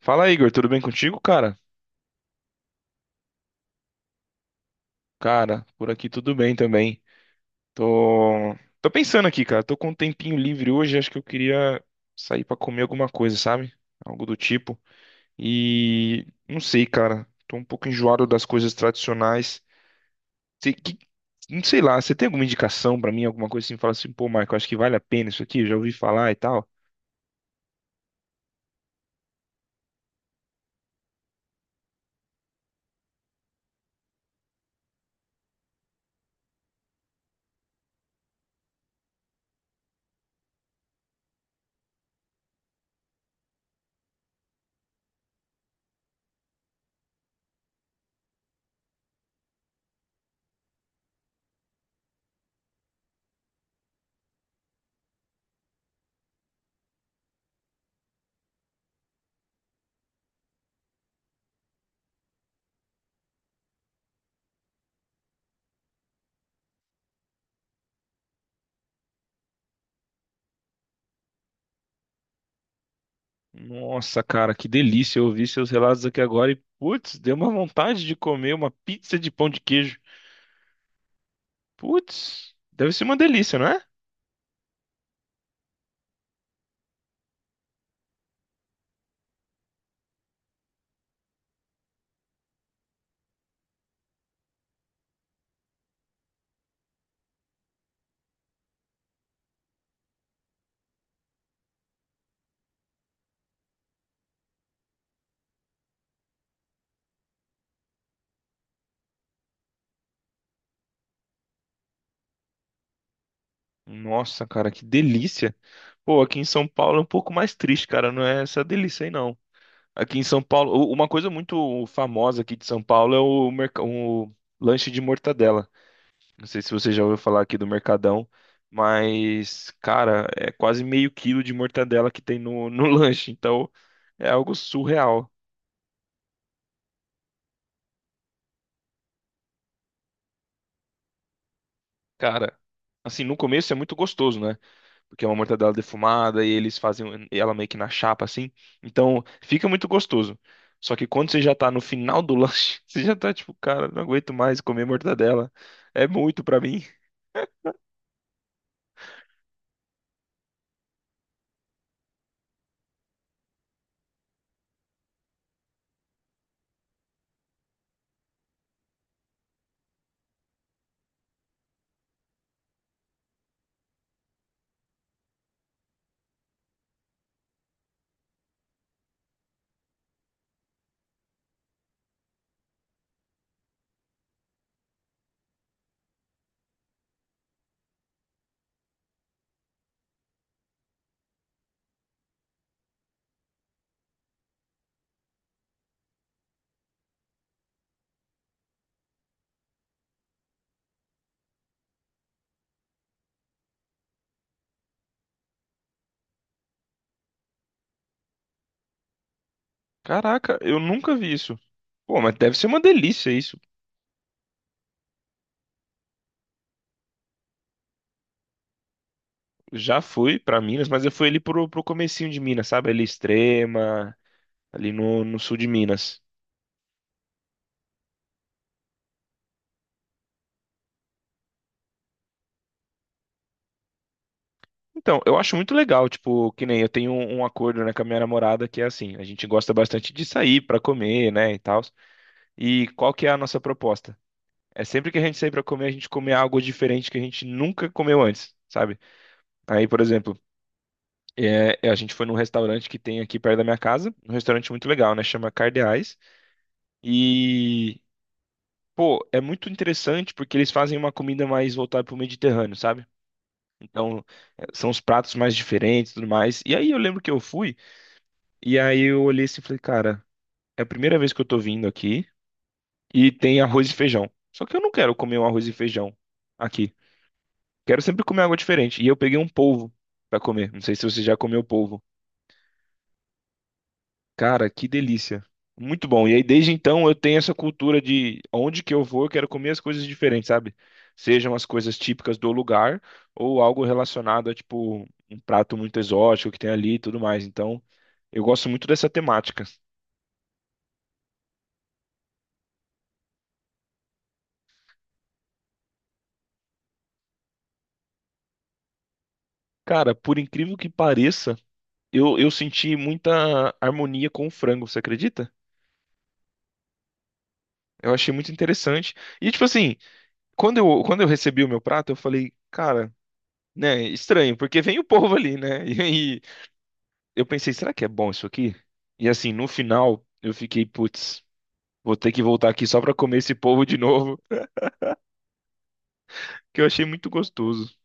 Fala, Igor, tudo bem contigo, cara? Cara, por aqui tudo bem também. Tô, tô pensando aqui, cara. Tô com um tempinho livre hoje, acho que eu queria sair pra comer alguma coisa, sabe? Algo do tipo. E não sei, cara. Tô um pouco enjoado das coisas tradicionais. Sei que- Não sei lá, você tem alguma indicação pra mim, alguma coisa assim, fala assim, pô, Michael, acho que vale a pena isso aqui, eu já ouvi falar e tal. Nossa, cara, que delícia. Eu ouvi seus relatos aqui agora e, putz, deu uma vontade de comer uma pizza de pão de queijo. Putz, deve ser uma delícia, não é? Nossa, cara, que delícia. Pô, aqui em São Paulo é um pouco mais triste, cara. Não é essa delícia aí, não. Aqui em São Paulo, uma coisa muito famosa aqui de São Paulo é o lanche de mortadela. Não sei se você já ouviu falar aqui do Mercadão, mas, cara, é quase meio quilo de mortadela que tem no lanche. Então, é algo surreal. Cara, assim, no começo é muito gostoso, né? Porque é uma mortadela defumada e eles fazem ela meio que na chapa assim. Então, fica muito gostoso. Só que quando você já tá no final do lanche, você já tá tipo, cara, não aguento mais comer mortadela. É muito pra mim. Caraca, eu nunca vi isso. Pô, mas deve ser uma delícia isso. Já fui pra Minas, mas eu fui ali pro comecinho de Minas, sabe? Ali Extrema, ali no sul de Minas. Então, eu acho muito legal, tipo, que nem eu tenho um acordo, né, com a minha namorada que é assim, a gente gosta bastante de sair pra comer, né, e tal. E qual que é a nossa proposta? É sempre que a gente sair para comer, a gente comer algo diferente que a gente nunca comeu antes, sabe? Aí, por exemplo, a gente foi num restaurante que tem aqui perto da minha casa, um restaurante muito legal, né? Chama Cardeais. E, pô, é muito interessante porque eles fazem uma comida mais voltada pro Mediterrâneo, sabe? Então, é, são os pratos mais diferentes e tudo mais. E aí eu lembro que eu fui, e aí eu olhei assim e falei, cara, é a primeira vez que eu tô vindo aqui e tem arroz e feijão. Só que eu não quero comer um arroz e feijão aqui. Quero sempre comer algo diferente. E eu peguei um polvo pra comer. Não sei se você já comeu polvo. Cara, que delícia. Muito bom. E aí, desde então, eu tenho essa cultura de onde que eu vou, eu quero comer as coisas diferentes, sabe? Sejam as coisas típicas do lugar ou algo relacionado a, tipo, um prato muito exótico que tem ali e tudo mais. Então, eu gosto muito dessa temática. Cara, por incrível que pareça, eu senti muita harmonia com o frango, você acredita? Eu achei muito interessante. E, tipo assim. Quando eu recebi o meu prato, eu falei, cara, né, estranho, porque vem o povo ali, né? E aí eu pensei, será que é bom isso aqui? E assim, no final, eu fiquei, putz, vou ter que voltar aqui só pra comer esse povo de novo, que eu achei muito gostoso.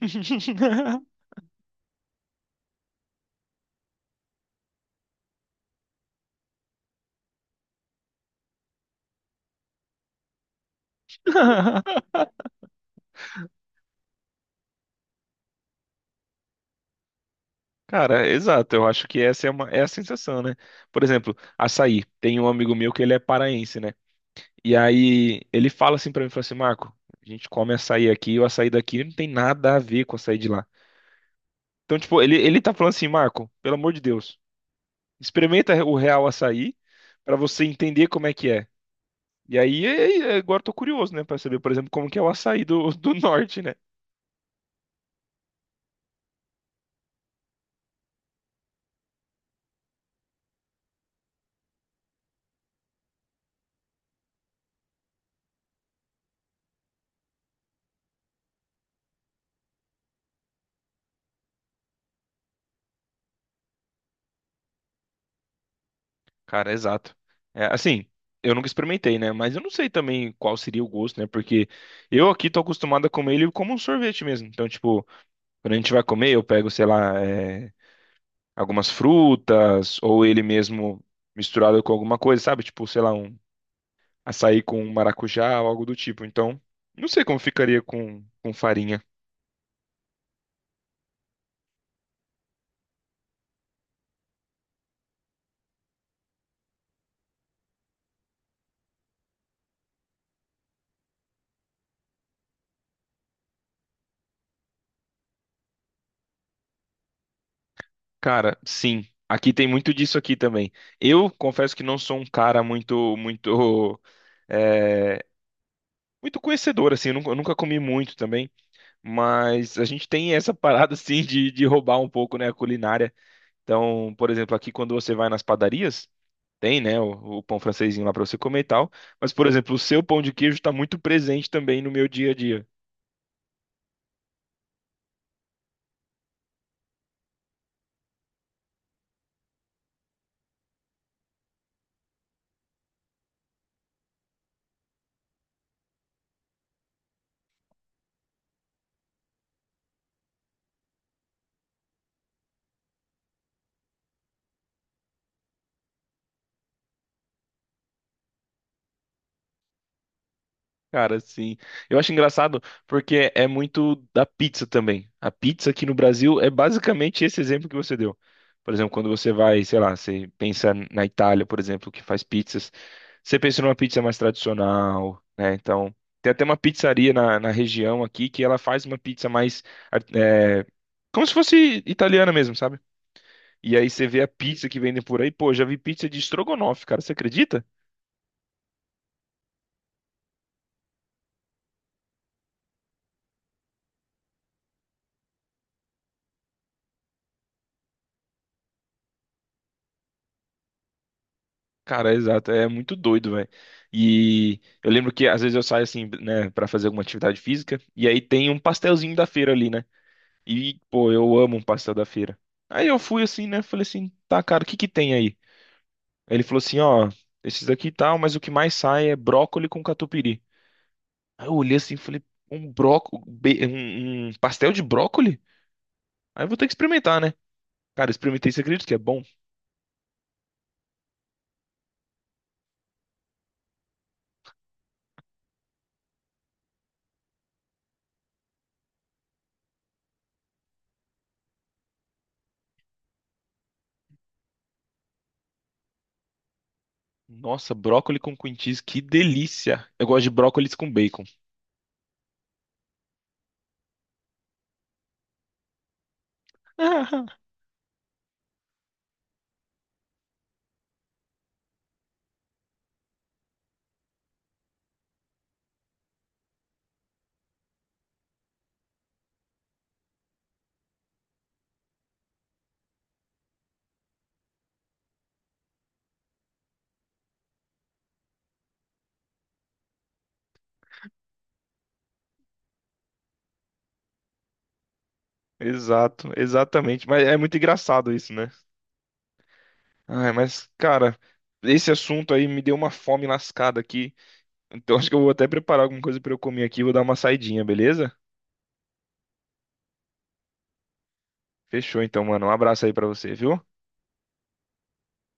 Cara, exato, eu acho que essa é uma, é a sensação, né? Por exemplo, açaí. Tem um amigo meu que ele é paraense, né? E aí ele fala assim pra mim, fala assim, Marco, a gente come açaí aqui, e o açaí daqui não tem nada a ver com o açaí de lá. Então, tipo, ele tá falando assim, Marco, pelo amor de Deus, experimenta o real açaí pra você entender como é que é. E aí, agora eu tô curioso, né, pra saber, por exemplo, como que é o açaí do norte, né? Cara, exato. É, assim, eu nunca experimentei, né, mas eu não sei também qual seria o gosto, né, porque eu aqui tô acostumado a comer ele como um sorvete mesmo. Então, tipo, quando a gente vai comer, eu pego, sei lá, é, algumas frutas ou ele mesmo misturado com alguma coisa, sabe? Tipo, sei lá, um açaí com maracujá ou algo do tipo. Então, não sei como ficaria com farinha. Cara, sim, aqui tem muito disso aqui também. Eu confesso que não sou um cara é, muito conhecedor, assim, eu nunca comi muito também, mas a gente tem essa parada, assim, de roubar um pouco, né, a culinária. Então, por exemplo, aqui quando você vai nas padarias, tem, né, o pão francesinho lá pra você comer e tal, mas, por exemplo, o seu pão de queijo tá muito presente também no meu dia a dia. Cara, sim. Eu acho engraçado porque é muito da pizza também. A pizza aqui no Brasil é basicamente esse exemplo que você deu. Por exemplo, quando você vai, sei lá, você pensa na Itália, por exemplo, que faz pizzas, você pensa numa pizza mais tradicional, né? Então, tem até uma pizzaria na região aqui que ela faz uma pizza mais, é, como se fosse italiana mesmo, sabe? E aí você vê a pizza que vendem por aí, pô, já vi pizza de estrogonofe, cara, você acredita? Cara, exato, é muito doido, velho. E eu lembro que às vezes eu saio assim, né, pra fazer alguma atividade física, e aí tem um pastelzinho da feira ali, né? E, pô, eu amo um pastel da feira. Aí eu fui assim, né, falei assim, tá, cara, o que que tem aí? Aí ele falou assim, ó, esses aqui e tal, mas o que mais sai é brócoli com catupiry. Aí eu olhei assim, e falei, um bróco, um pastel de brócoli? Aí eu vou ter que experimentar, né? Cara, experimentei, você acredita que é bom? Nossa, brócoli com cream cheese, que delícia! Eu gosto de brócolis com bacon. Exato, exatamente. Mas é muito engraçado isso, né? Ai, mas, cara, esse assunto aí me deu uma fome lascada aqui. Então acho que eu vou até preparar alguma coisa pra eu comer aqui. Vou dar uma saidinha, beleza? Fechou então, mano. Um abraço aí pra você, viu?